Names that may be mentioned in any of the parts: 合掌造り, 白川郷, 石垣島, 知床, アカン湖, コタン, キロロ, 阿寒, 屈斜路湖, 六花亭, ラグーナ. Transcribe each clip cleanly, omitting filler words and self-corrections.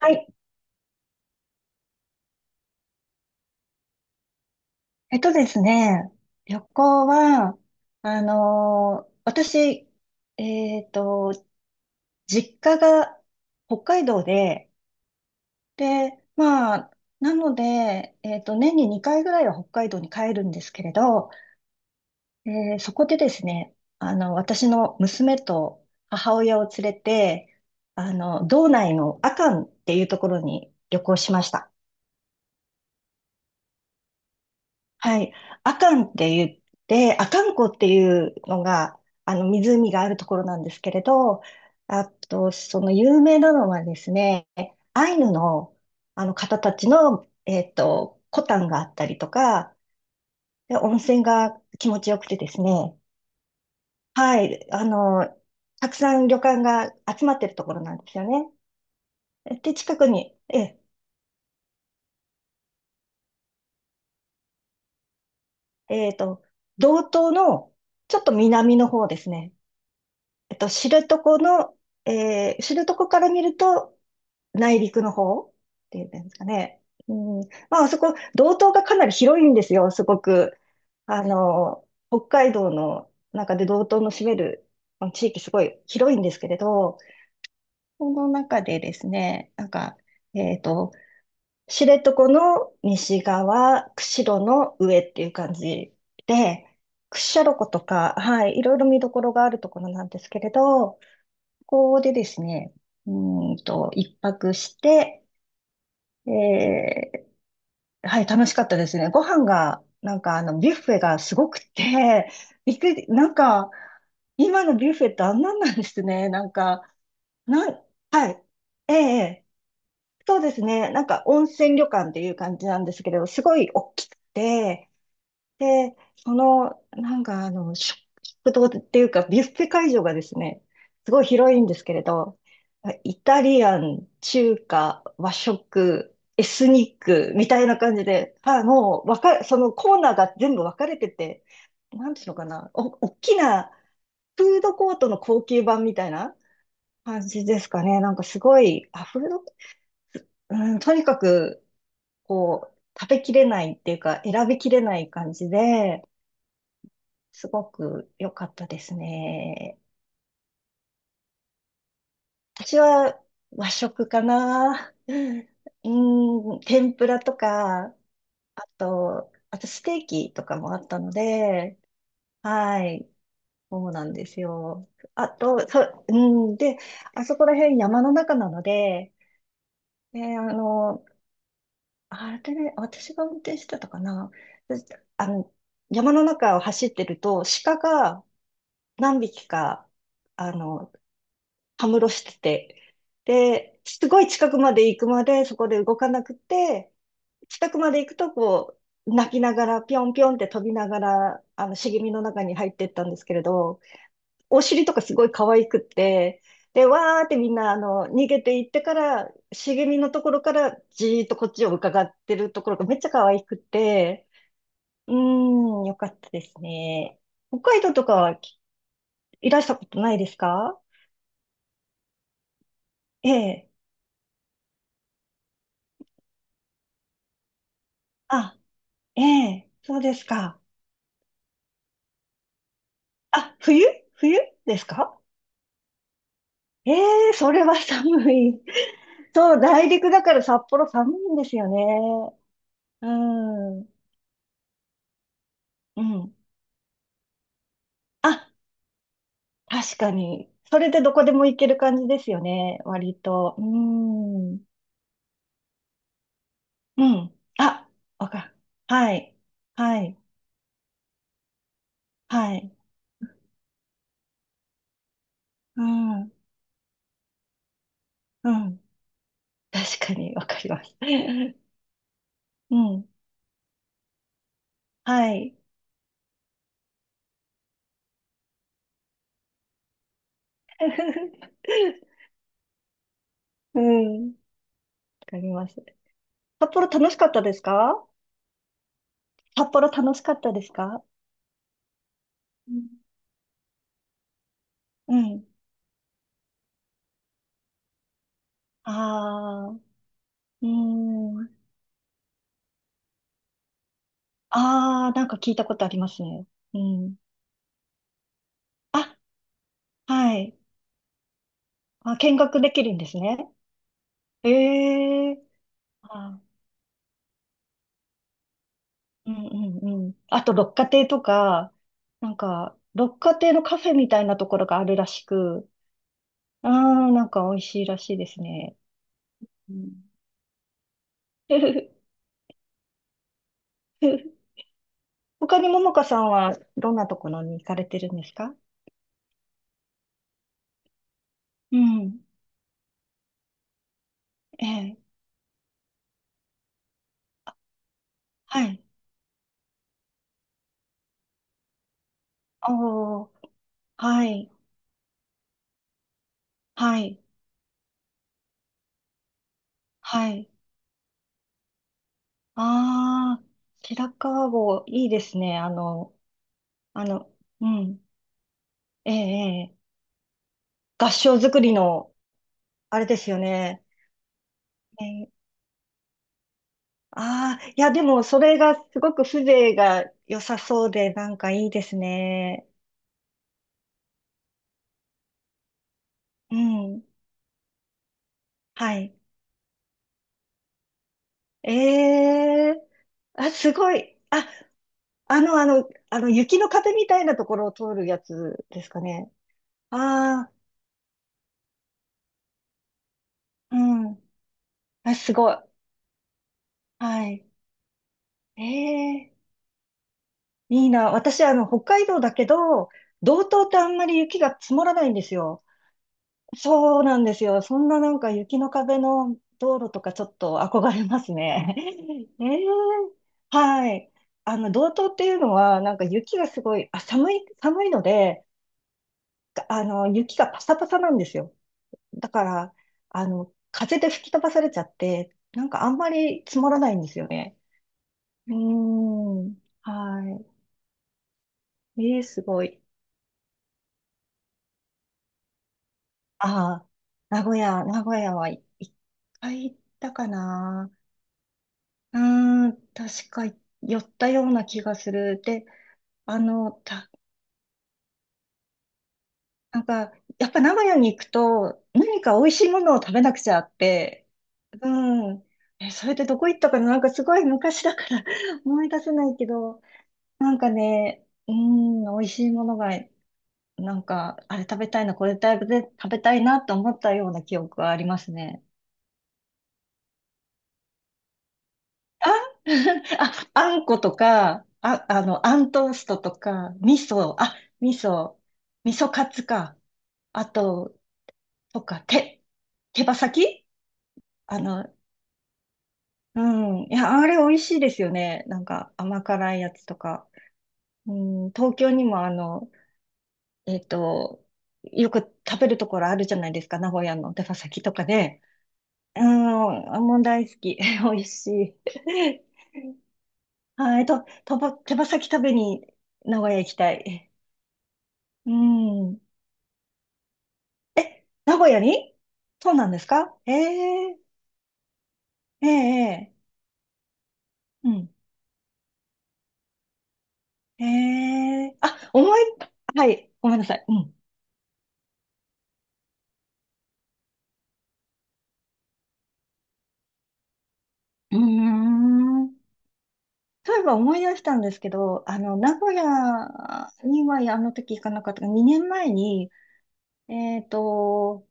はい。えっとですね、旅行は、私、えっと、実家が北海道で、で、まあ、なので、えっと、年に2回ぐらいは北海道に帰るんですけれど、そこでですね、私の娘と母親を連れて、道内の阿寒っていうところに旅行しました。はい。アカンってアカン湖っていうのが、湖があるところなんですけれど、あと、その有名なのはですね、アイヌの、あの方たちの、コタンがあったりとか、で、温泉が気持ちよくてですね。はい、たくさん旅館が集まってるところなんですよね。で、近くに、え、えっと、道東のちょっと南の方ですね。知床の、えー、知床から見ると内陸の方っていうんですかね。うん。まあ、あそこ、道東がかなり広いんですよ、すごく。あの、北海道の中で道東の占めるまあの地域すごい広いんですけれど、この中でですね、えっと、知床の西側、釧路の上っていう感じで、屈斜路湖とか、はい、いろいろ見どころがあるところなんですけれど、ここでですね、う一泊して、えはい、楽しかったですね。ご飯が、ビュッフェがすごくて、びっくり、なんか、今のビュッフェってあんなんなんですね。なん、はい。ええ、ええ、そうですね。なんか温泉旅館っていう感じなんですけど、すごい大きくて、で、その、食堂っていうか、ビュッフェ会場がですね、すごい広いんですけれど、イタリアン、中華、和食、エスニックみたいな感じで、はい、もう、わか、そのコーナーが全部分かれてて、なんていうのかな、大きなフードコートの高級版みたいな感じですかね。なんかすごい、あ、フード、うん、とにかく、こう、食べきれないっていうか、選びきれない感じで、すごく良かったですね。私は和食かな。うん、天ぷらとか、あとステーキとかもあったので、はい、そうなんですよ。あと、そ、うん、で、あそこら辺山の中なので、えーあの、あれね、私が運転してたかな。私、あの、山の中を走ってると、鹿が何匹か、あの、たむろしてて、で、すごい近くまで行くまでそこで動かなくて、近くまで行くとこう、泣きながら、ぴょんぴょんって飛びながら、茂みの中に入ってったんですけれど、お尻とかすごい可愛くって、で、わーってみんな、逃げていってから、茂みのところからじーっとこっちを伺ってるところがめっちゃ可愛くて、うーん、よかったですね。北海道とかはき、いらしたことないですか？ええ。あ、ええ、そうですか。あ、冬ですか？ええ、それは寒い。そう、内陸だから札幌寒いんですよね。うん、うん。あ、確かに。それでどこでも行ける感じですよね、割と。うん、うん。あ、わかる。はい、はい、はい。うん、うん。確かに、わかります。うん、はい。うん、わかります。札幌楽しかったですか？札幌楽しかったですかうん。うん。ああ、うーん。ああ、なんか聞いたことありますね。うん。あ、はい。あ、見学できるんですね。ええ。あ、うんうんうん。あと、六花亭とか、なんか、六花亭のカフェみたいなところがあるらしく、ああ、なんか美味しいらしいですね。うん。 他にももかさんはどんなところに行かれてるんですか？うん。ええ、はい。おー、はい、はい、はい。ああ、白川郷、いいですね。あの、うん、ええ、ええ、合掌造りの、あれですよね。ええ、ああー、いや、でも、それがすごく風情が良さそうで、なんかいいですね。うん、はい。ええ、あ、すごい。あの、雪の壁みたいなところを通るやつですかね。ああ、うん。あ、すごい。はい。ええ、いいな。私、北海道だけど、道東ってあんまり雪が積もらないんですよ。そうなんですよ。そんななんか雪の壁の道路とかちょっと憧れますね。ええ、はい。道東っていうのは、なんか雪がすごい、あ、寒い、寒いので、雪がパサパサなんですよ。だから、風で吹き飛ばされちゃって、なんかあんまり積もらないんですよね。うーん。はい。ええ、すごい。ああ、名古屋は、い、一回行ったかな。うーん、確か寄ったような気がする。で、あの、た、なんか、やっぱ名古屋に行くと何か美味しいものを食べなくちゃあって、うん。え、それでどこ行ったかな、なんかすごい昔だから 思い出せないけど、なんかね、うーん、美味しいものが、なんか、あれ食べたいな、これ食べたいなと思ったような記憶がありますね。あ、あ、あんことか、あんトーストとか、味噌、味噌カツか。あと、とか、手、手羽先、あの、うん。いや、あれ美味しいですよね。なんか甘辛いやつとか。うん、東京にもえっと、よく食べるところあるじゃないですか。名古屋の手羽先とかで。うん、もう大好き。美味しい。はい、と、とば、手羽先食べに名古屋行きたい。うん。名古屋に？そうなんですか？ええ、ええ、ええ。うん。ええ、はい、ごめんなさい。うん。うーん。そういえば思い出したんですけど、あの、名古屋にはあの時行かなかった。2年前に、えっと、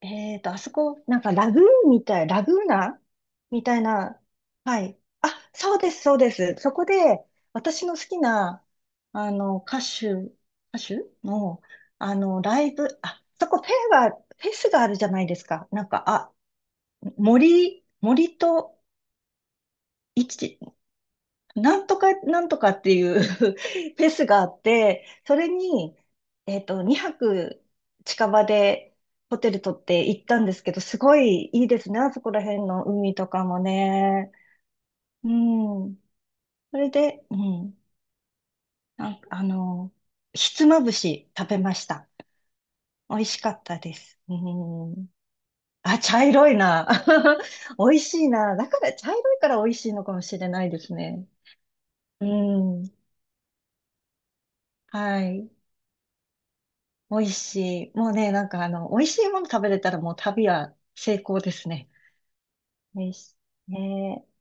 あそこ、ラグーナみたいな、はい。あ、そうです、そうです。そこで、私の好きな、あの、歌手、歌手の、あの、ライブ、あ、そこフェ、フェスがあるじゃないですか。森と市、なんとかっていう フェスがあって、それに、2泊近場でホテル取って行ったんですけど、すごいいいですね。あそこら辺の海とかもね。うん。それで、うん。なんかあの、ひつまぶし食べました。美味しかったです。うん。あ、茶色いな。美味しいな。だから、茶色いから美味しいのかもしれないですね。うん。はい。美味しい。もうね、美味しいもの食べれたらもう旅は成功ですね。美味しい。ねえ。